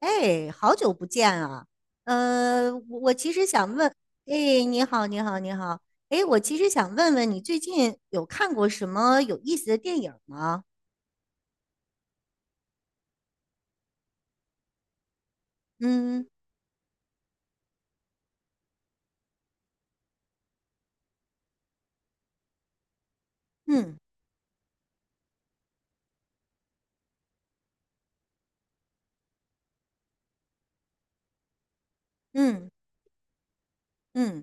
哎，好久不见啊！我其实想问，哎，你好，你好，你好，哎，我其实想问问你最近有看过什么有意思的电影吗？嗯嗯嗯嗯。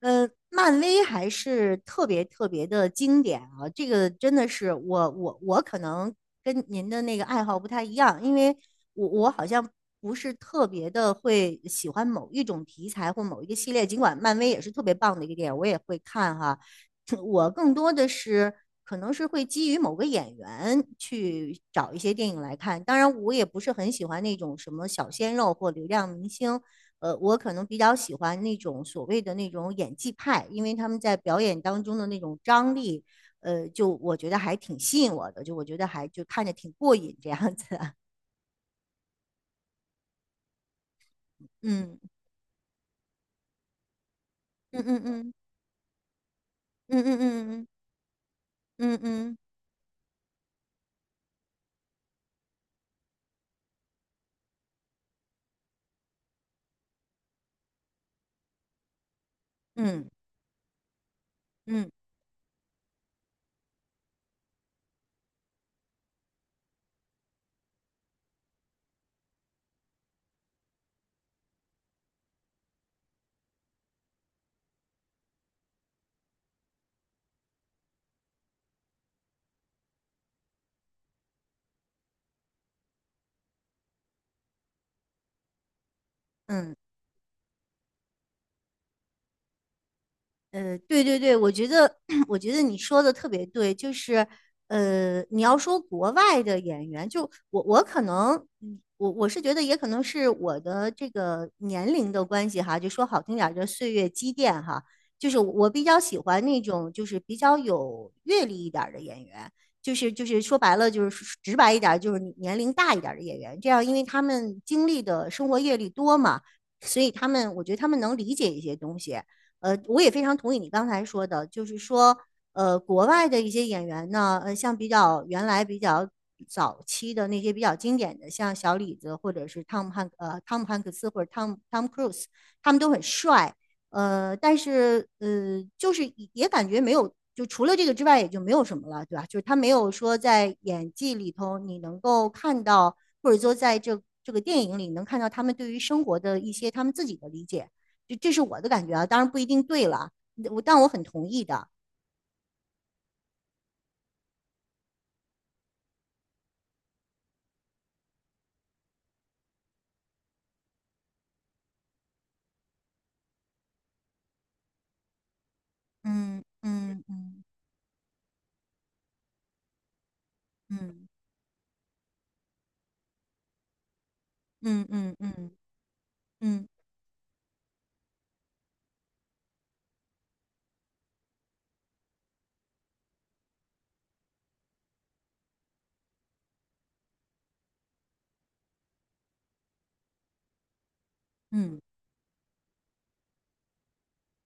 呃，漫威还是特别特别的经典啊！这个真的是我可能跟您的那个爱好不太一样，因为我好像不是特别的会喜欢某一种题材或某一个系列，尽管漫威也是特别棒的一个电影，我也会看哈。我更多的是可能是会基于某个演员去找一些电影来看，当然我也不是很喜欢那种什么小鲜肉或流量明星。我可能比较喜欢那种所谓的那种演技派，因为他们在表演当中的那种张力，就我觉得还挺吸引我的，就我觉得还就看着挺过瘾这样子啊。嗯嗯嗯嗯嗯嗯嗯嗯嗯嗯嗯嗯嗯。嗯嗯嗯。对对对，我觉得 我觉得你说的特别对，就是你要说国外的演员，就我可能，我是觉得也可能是我的这个年龄的关系哈，就说好听点儿叫岁月积淀哈，就是我比较喜欢那种就是比较有阅历一点儿的演员，就是说白了就是直白一点儿，就是年龄大一点儿的演员，这样因为他们经历的生活阅历多嘛，所以他们我觉得他们能理解一些东西。我也非常同意你刚才说的，就是说，国外的一些演员呢，像比较原来比较早期的那些比较经典的，像小李子或者是汤姆汉克斯或者汤姆克鲁斯，他们都很帅，但是就是也感觉没有，就除了这个之外也就没有什么了，对吧？就是他没有说在演技里头你能够看到，或者说在这个电影里能看到他们对于生活的一些他们自己的理解。这是我的感觉啊，当然不一定对了，但我很同意的。嗯嗯嗯嗯嗯嗯嗯嗯嗯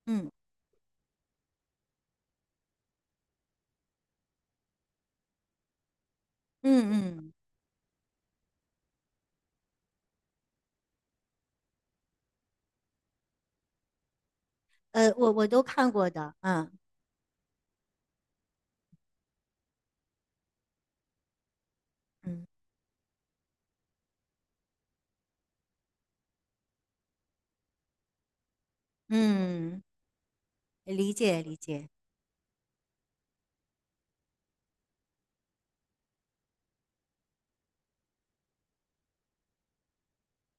嗯嗯嗯。我都看过的。嗯嗯嗯，理解理解，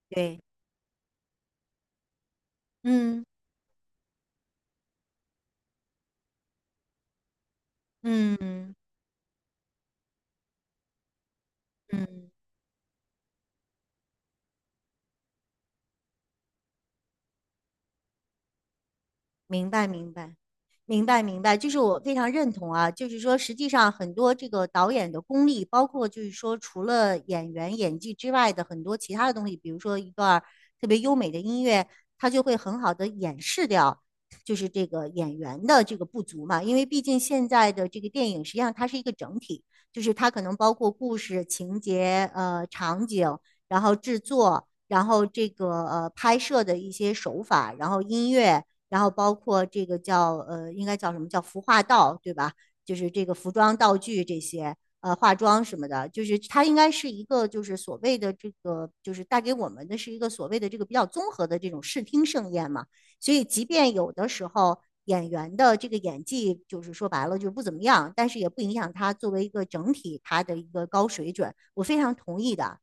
对，嗯嗯嗯。明白，明白，明白，明白，就是我非常认同啊。就是说，实际上很多这个导演的功力，包括就是说，除了演员演技之外的很多其他的东西，比如说一段儿特别优美的音乐，它就会很好的掩饰掉，就是这个演员的这个不足嘛。因为毕竟现在的这个电影，实际上它是一个整体，就是它可能包括故事、情节、场景，然后制作，然后这个拍摄的一些手法，然后音乐。然后包括这个叫应该叫什么叫服化道，对吧？就是这个服装道具这些，化妆什么的，就是它应该是一个就是所谓的这个，就是带给我们的是一个所谓的这个比较综合的这种视听盛宴嘛。所以，即便有的时候演员的这个演技就是说白了就不怎么样，但是也不影响他作为一个整体他的一个高水准。我非常同意的。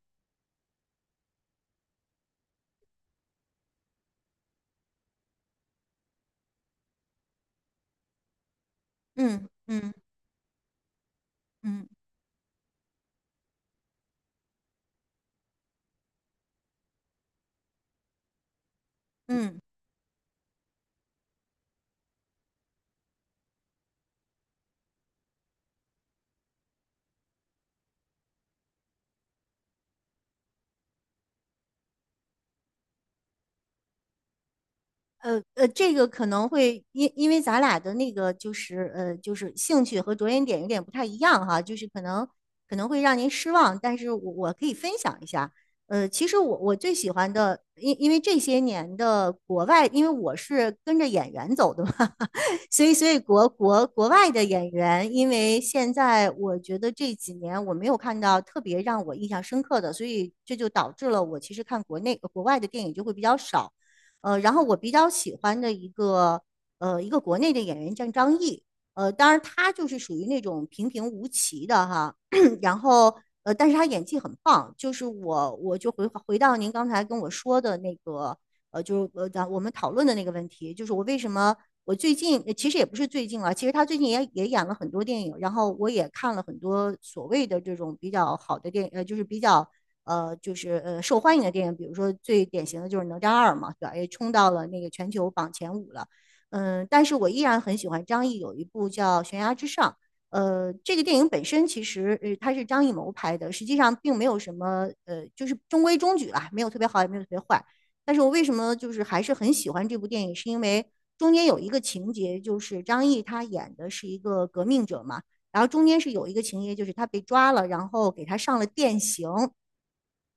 嗯嗯嗯嗯。这个可能会因为咱俩的那个就是兴趣和着眼点有点不太一样哈，就是可能会让您失望，但是我可以分享一下。其实我最喜欢的，因为这些年的国外，因为我是跟着演员走的嘛，所以国外的演员，因为现在我觉得这几年我没有看到特别让我印象深刻的，所以这就导致了我其实看国内国外的电影就会比较少。然后我比较喜欢的一个国内的演员叫张译，当然他就是属于那种平平无奇的哈，然后但是他演技很棒，就是我就回到您刚才跟我说的那个就是我们讨论的那个问题，就是我为什么我最近其实也不是最近了，其实他最近也演了很多电影，然后我也看了很多所谓的这种比较好的电影，就是比较就是受欢迎的电影，比如说最典型的就是《哪吒2》嘛，对吧？也冲到了那个全球榜前五了。嗯，但是我依然很喜欢张译有一部叫《悬崖之上》。这个电影本身其实它是张艺谋拍的，实际上并没有什么就是中规中矩啦，没有特别好，也没有特别坏。但是我为什么就是还是很喜欢这部电影，是因为中间有一个情节，就是张译他演的是一个革命者嘛，然后中间是有一个情节，就是他被抓了，然后给他上了电刑，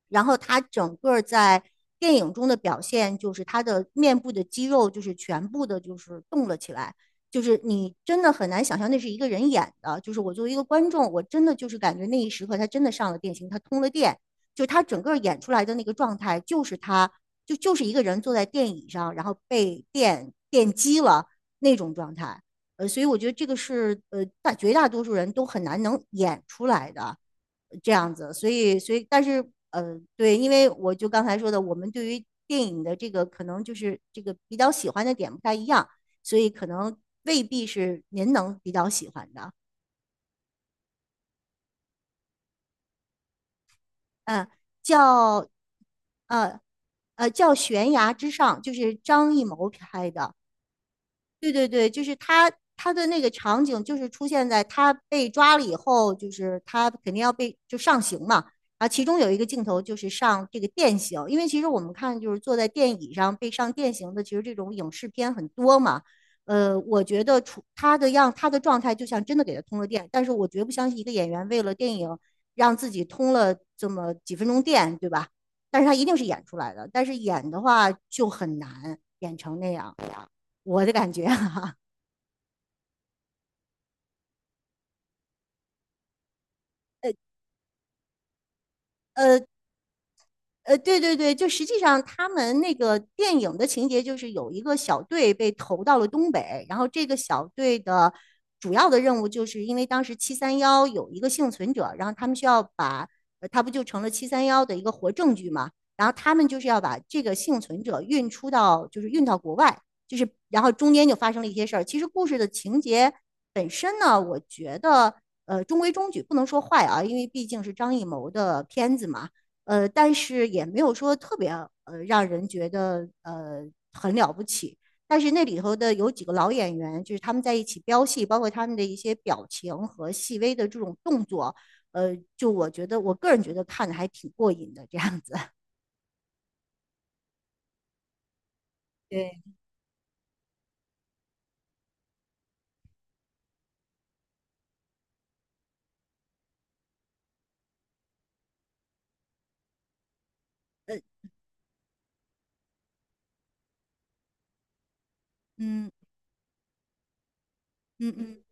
然后他整个在电影中的表现就是他的面部的肌肉就是全部的就是动了起来，就是你真的很难想象那是一个人演的，就是我作为一个观众，我真的就是感觉那一时刻他真的上了电刑，他通了电，就他整个演出来的那个状态就是他就是一个人坐在电椅上，然后被电击了那种状态。所以我觉得这个是绝大多数人都很难能演出来的这样子，所以但是对，因为我就刚才说的，我们对于电影的这个可能就是这个比较喜欢的点不太一样，所以可能未必是您能比较喜欢的，嗯、叫呃叫《悬崖之上》，就是张艺谋拍的，对对对，就是他的那个场景，就是出现在他被抓了以后，就是他肯定要被就上刑嘛。啊，其中有一个镜头就是上这个电刑，因为其实我们看就是坐在电椅上被上电刑的，其实这种影视片很多嘛。我觉得出他的状态就像真的给他通了电，但是我绝不相信一个演员为了电影让自己通了这么几分钟电，对吧？但是他一定是演出来的，但是演的话就很难演成那样。我的感觉哈、啊，呃，对对对，就实际上他们那个电影的情节就是有一个小队被投到了东北，然后这个小队的主要的任务就是因为当时七三幺有一个幸存者，然后他们需要把，他不就成了七三幺的一个活证据嘛，然后他们就是要把这个幸存者运出到，就是运到国外，就是然后中间就发生了一些事儿。其实故事的情节本身呢，我觉得中规中矩，不能说坏啊，因为毕竟是张艺谋的片子嘛。但是也没有说特别让人觉得很了不起。但是那里头的有几个老演员，就是他们在一起飙戏，包括他们的一些表情和细微的这种动作，就我觉得我个人觉得看的还挺过瘾的这样子。对，呃，嗯嗯嗯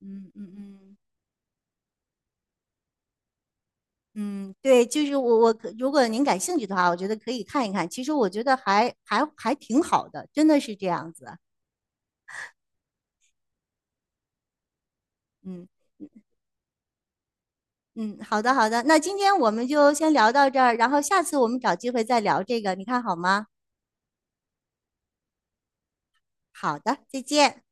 嗯嗯嗯嗯，对，就是我如果您感兴趣的话，我觉得可以看一看。其实我觉得还挺好的，真的是这样子。嗯。嗯，好的好的，那今天我们就先聊到这儿，然后下次我们找机会再聊这个，你看好吗？好的，再见。